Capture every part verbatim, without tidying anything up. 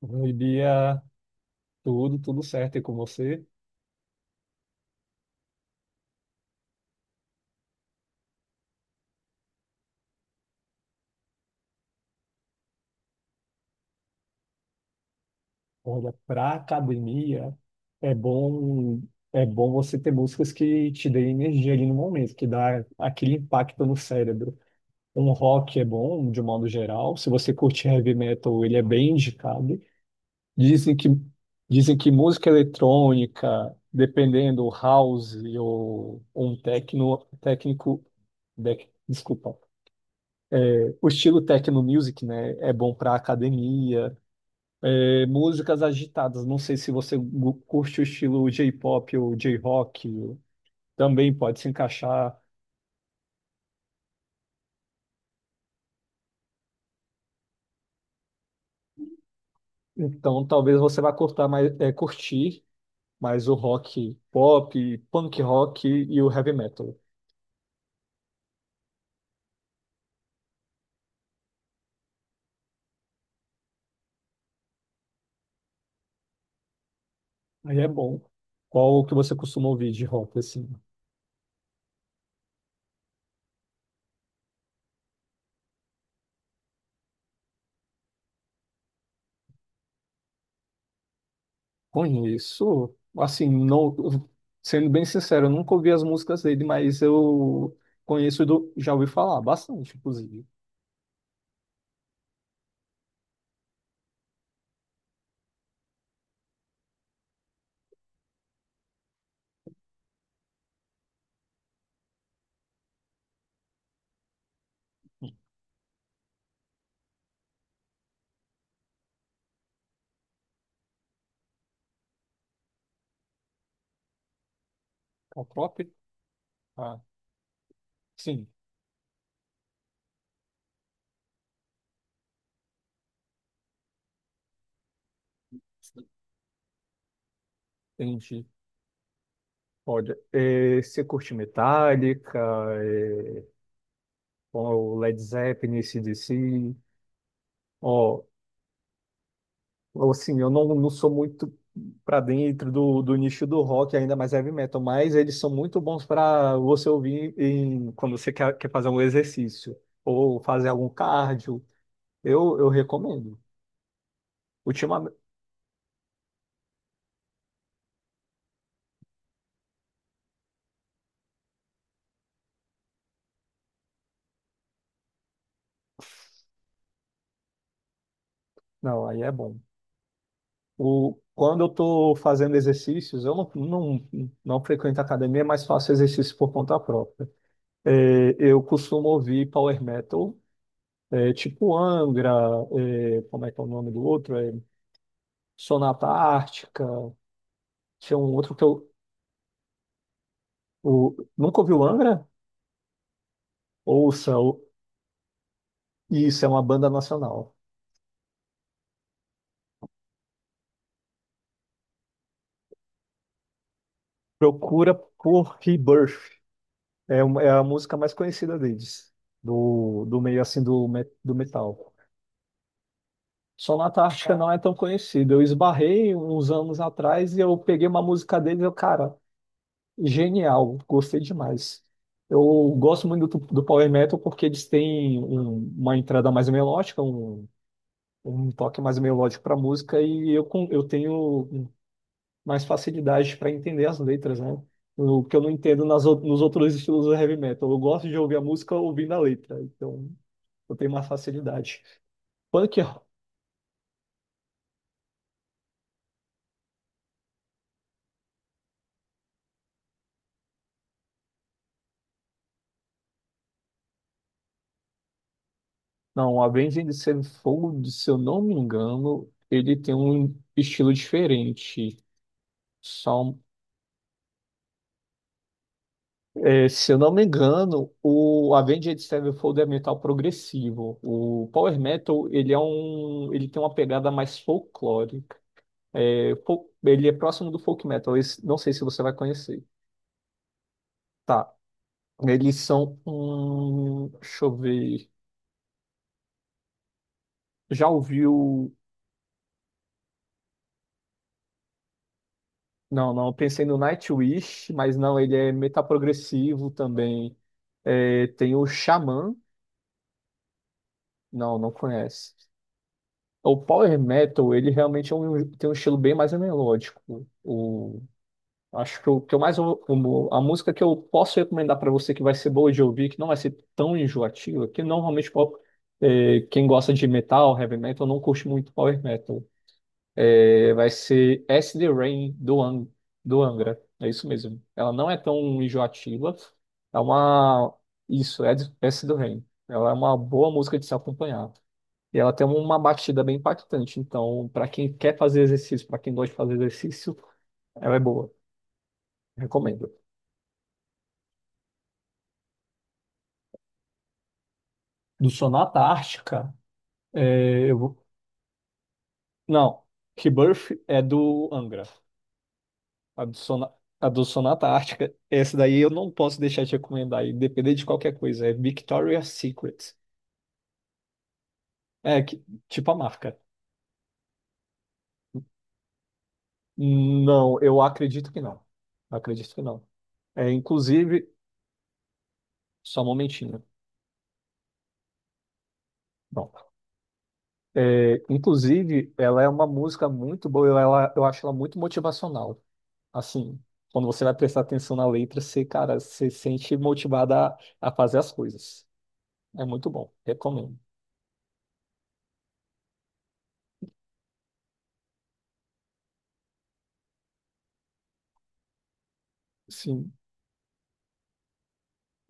Bom dia, tudo, tudo certo e com você? Olha, para academia é bom é bom você ter músicas que te deem energia ali no momento, que dá aquele impacto no cérebro. Um rock é bom de um modo geral, se você curte heavy metal, ele é bem indicado. Dizem que dizem que música eletrônica, dependendo house ou um techno, técnico, dec- desculpa, o estilo techno music, né, é bom para academia. É, músicas agitadas. Não sei se você gu- curte o estilo J-pop ou J-rock, também pode se encaixar. Então, talvez você vá curtar mais, é, curtir mais o rock pop, punk rock e o heavy metal. Aí é bom. Qual que você costuma ouvir de rock, assim? Conheço, assim, não, sendo bem sincero, eu nunca ouvi as músicas dele, mas eu conheço, do, já ouvi falar bastante, inclusive. Qual próprio? Ah, sim, entendi. Olha, é, você curte Metallica, é, ou Led Zeppelin, A C/D C? Ó, assim, eu não, não sou muito pra dentro do, do nicho do rock, ainda mais heavy metal, mas eles são muito bons pra você ouvir em, quando você quer, quer fazer um exercício ou fazer algum cardio. Eu, eu recomendo. Ultimamente, não, aí é bom. O, quando eu tô fazendo exercícios, eu não, não, não frequento academia, mas faço exercício por conta própria. É, eu costumo ouvir power metal, é, tipo Angra, é, como é que é o nome do outro? É, Sonata Ártica. Tinha um outro que eu. o- nunca ouviu Angra? Ouça, o- isso é uma banda nacional. Procura por Rebirth. É, uma- é a música mais conhecida deles, do, do meio assim do, me- do metal. Sonata Ártica não é tão conhecida. Eu esbarrei uns anos atrás e eu peguei uma música deles e eu, cara. Genial, gostei demais. Eu gosto muito do, do Power Metal porque eles têm um- uma entrada mais melódica, um, um toque mais melódico para a música e eu, con- eu tenho mais facilidade para entender as letras, né? O que eu não entendo nas, ou- nos outros estilos do heavy metal. Eu gosto de ouvir a música ouvindo a letra, então eu tenho mais facilidade. Punk, não, Avenged Sevenfold, se eu não me engano, ele tem um estilo diferente. É, se eu não me engano, o Avenged Sevenfold é metal progressivo. O power metal, ele é um, ele tem uma pegada mais folclórica. É, fol- ele é próximo do folk metal. Esse- não sei se você vai conhecer. Tá. Eles são um, deixa eu ver. Já ouviu? Não, não. eu Pensei no Nightwish, mas não. Ele é metal progressivo também. É, tem o Xamã. Não, não conhece. O power metal, ele realmente é um- tem um estilo bem mais melódico. O, acho que o que eu mais ou- o- a música que eu posso recomendar para você que vai ser boa de ouvir, que não vai ser tão enjoativa, que normalmente po- eh, quem gosta de metal, heavy metal, não curte muito power metal. É, vai ser S. D. Rain do, An do Angra. É isso mesmo. Ela não é tão enjoativa. É uma. Isso, é de- S. D. Rain. Ela é uma boa música de se acompanhar. E ela tem uma batida bem impactante. Então, para quem quer fazer exercício, para quem gosta de fazer exercício, ela é boa. Recomendo. Do Sonata Ártica, é, eu vou... Não, Rebirth é do Angra. A do Sona- a do Sonata Ártica. Essa daí eu não posso deixar de recomendar, independente de qualquer coisa. É Victoria's Secret. É, que- tipo a marca. Não, eu acredito que não. Acredito que não. É, inclusive, só um momentinho. Bom, é, inclusive, ela é uma música muito boa. eu- Ela, eu acho ela muito motivacional. Assim, quando você vai prestar atenção na letra, você, cara, você sente motivada a, a fazer as coisas. É muito bom. Recomendo. Sim.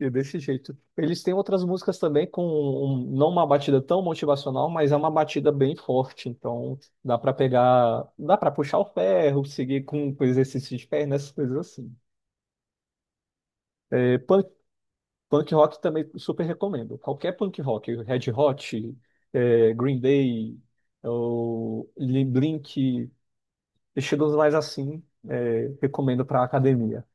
E desse jeito. Eles têm outras músicas também com um- não uma batida tão motivacional, mas é uma batida bem forte. Então dá para pegar, dá para puxar o ferro, seguir com com exercício de perna, essas coisas assim. É, punk, punk rock também super recomendo. Qualquer punk rock, Red Hot, é, Green Day, ou Li- Blink, estilos mais assim, é, recomendo para academia.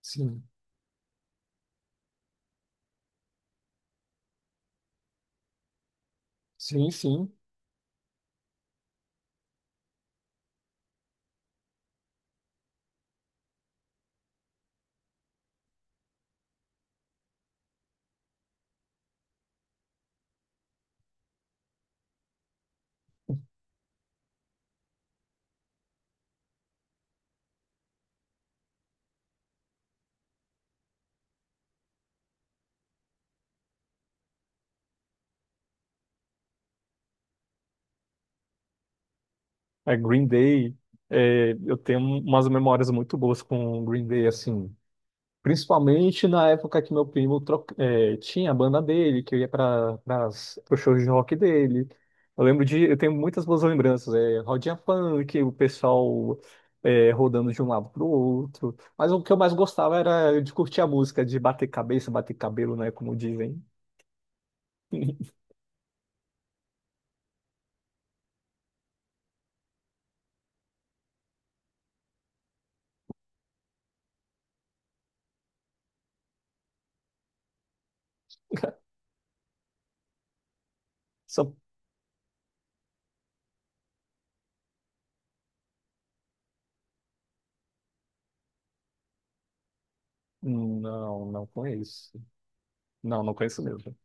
Sim, sim, sim. É, Green Day, é, eu tenho umas memórias muito boas com Green Day, assim. Principalmente na época que meu primo tro- é, tinha a banda dele, que eu ia para os shows de rock dele. Eu lembro de. Eu tenho muitas boas lembranças. É, rodinha funk, o pessoal é, rodando de um lado para o outro. Mas o que eu mais gostava era de curtir a música, de bater cabeça, bater cabelo, né? Como dizem. Só- Não, não conheço. Não, não conheço mesmo.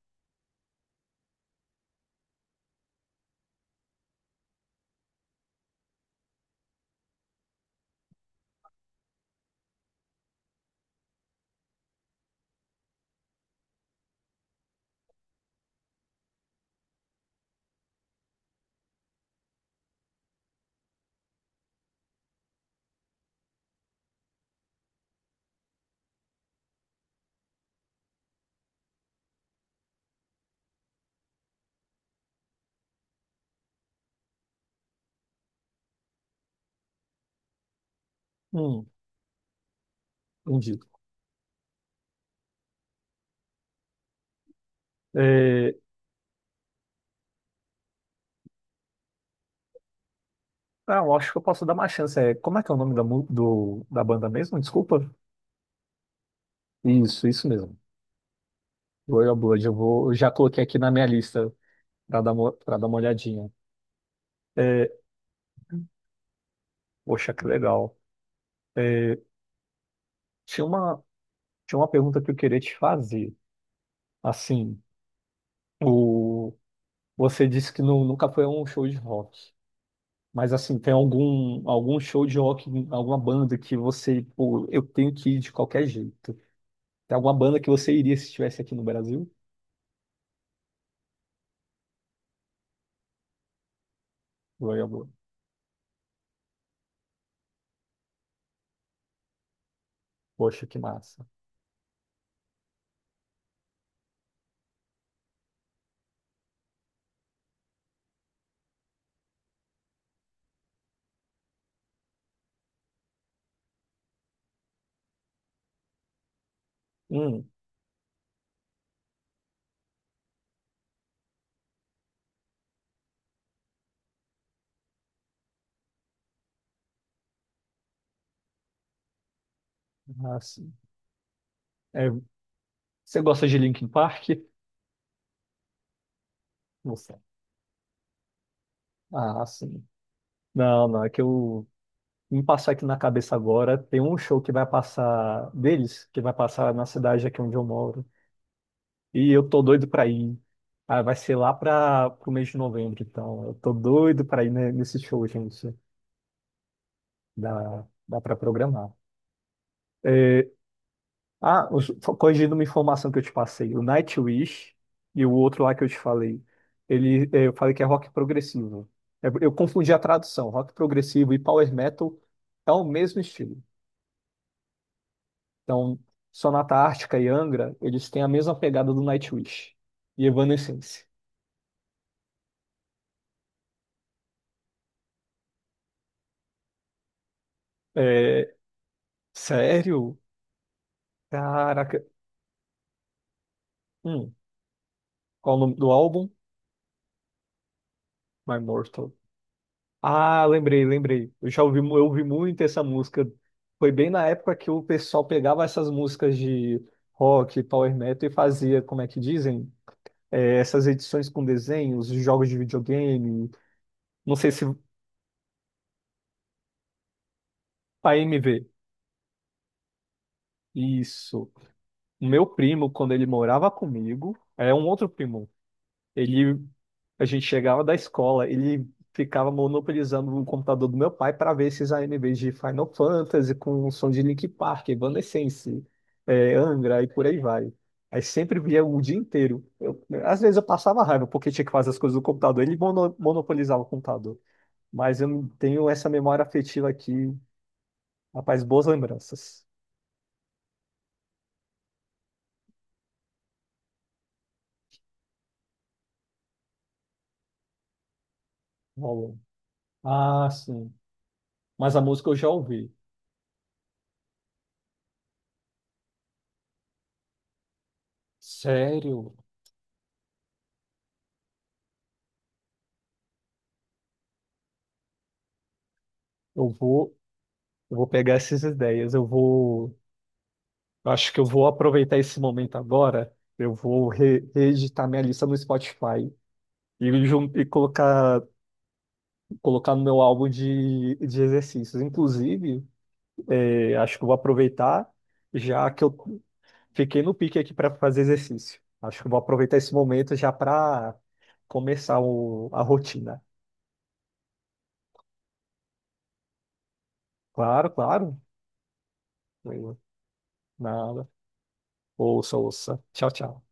Hum, entendi. É, ah, eu acho que eu posso dar uma chance. É, como é que é o nome da, mu- do, da banda mesmo? Desculpa. Isso, isso mesmo. Royal Blood. Eu vou, eu já coloquei aqui na minha lista para dar, mo- pra dar uma olhadinha. É, poxa, que legal. É, tinha uma, tinha uma pergunta que eu queria te fazer. Assim, o, você disse que nu- nunca foi a um show de rock. Mas assim, tem algum, algum show de rock, alguma banda que você, pô, eu tenho que ir de qualquer jeito. Tem alguma banda que você iria se estivesse aqui no Brasil? Royal Blood. Poxa, que massa. Hum, ah, sim. É, você gosta de Linkin Park? Nossa. Ah, sim. Não, não, é que eu me passar aqui na cabeça agora, tem um show que vai passar deles, que vai passar na cidade aqui onde eu moro, e eu tô doido pra ir. Ah, vai ser lá para pro mês de novembro, então eu tô doido pra ir ne- nesse show, gente. Dá, dá para programar. É, Ah, os- corrigindo uma informação que eu te passei, o Nightwish e o outro lá que eu te falei, ele, eh, eu falei que é rock progressivo. É, Eu confundi a tradução, rock progressivo e power metal é o mesmo estilo. Então, Sonata Ártica e Angra, eles têm a mesma pegada do Nightwish e Evanescence. É, sério? Caraca. Hum, qual o nome do álbum? My Mortal. Ah, lembrei, lembrei. Eu já ouvi, mu- eu ouvi muito essa música. Foi bem na época que o pessoal pegava essas músicas de rock, power metal e fazia, como é que dizem? É, essas edições com desenhos, jogos de videogame. Não sei se a AMV. Isso. O meu primo, quando ele morava comigo, é um outro primo, Ele, a gente chegava da escola, ele ficava monopolizando o computador do meu pai para ver esses A M Vs de Final Fantasy com som de Linkin Park, Evanescence, é, Angra e por aí vai. Aí sempre via o dia inteiro. Eu- às vezes eu passava raiva porque tinha que fazer as coisas do computador, ele mono- monopolizava o computador. Mas eu não tenho essa memória afetiva aqui, rapaz, boas lembranças. Rolou. Ah, sim. Mas a música eu já ouvi. Sério? Eu vou. Eu vou pegar essas ideias. Eu vou. Eu Acho que eu vou aproveitar esse momento agora. Eu vou re- reeditar minha lista no Spotify e, jun- e colocar, colocar no meu álbum de, de exercícios. Inclusive, eh, acho que eu vou aproveitar, já que eu fiquei no pique aqui para fazer exercício. Acho que eu vou aproveitar esse momento já para começar o- a rotina. Claro, claro. Nada. Ouça, ouça. Tchau, tchau.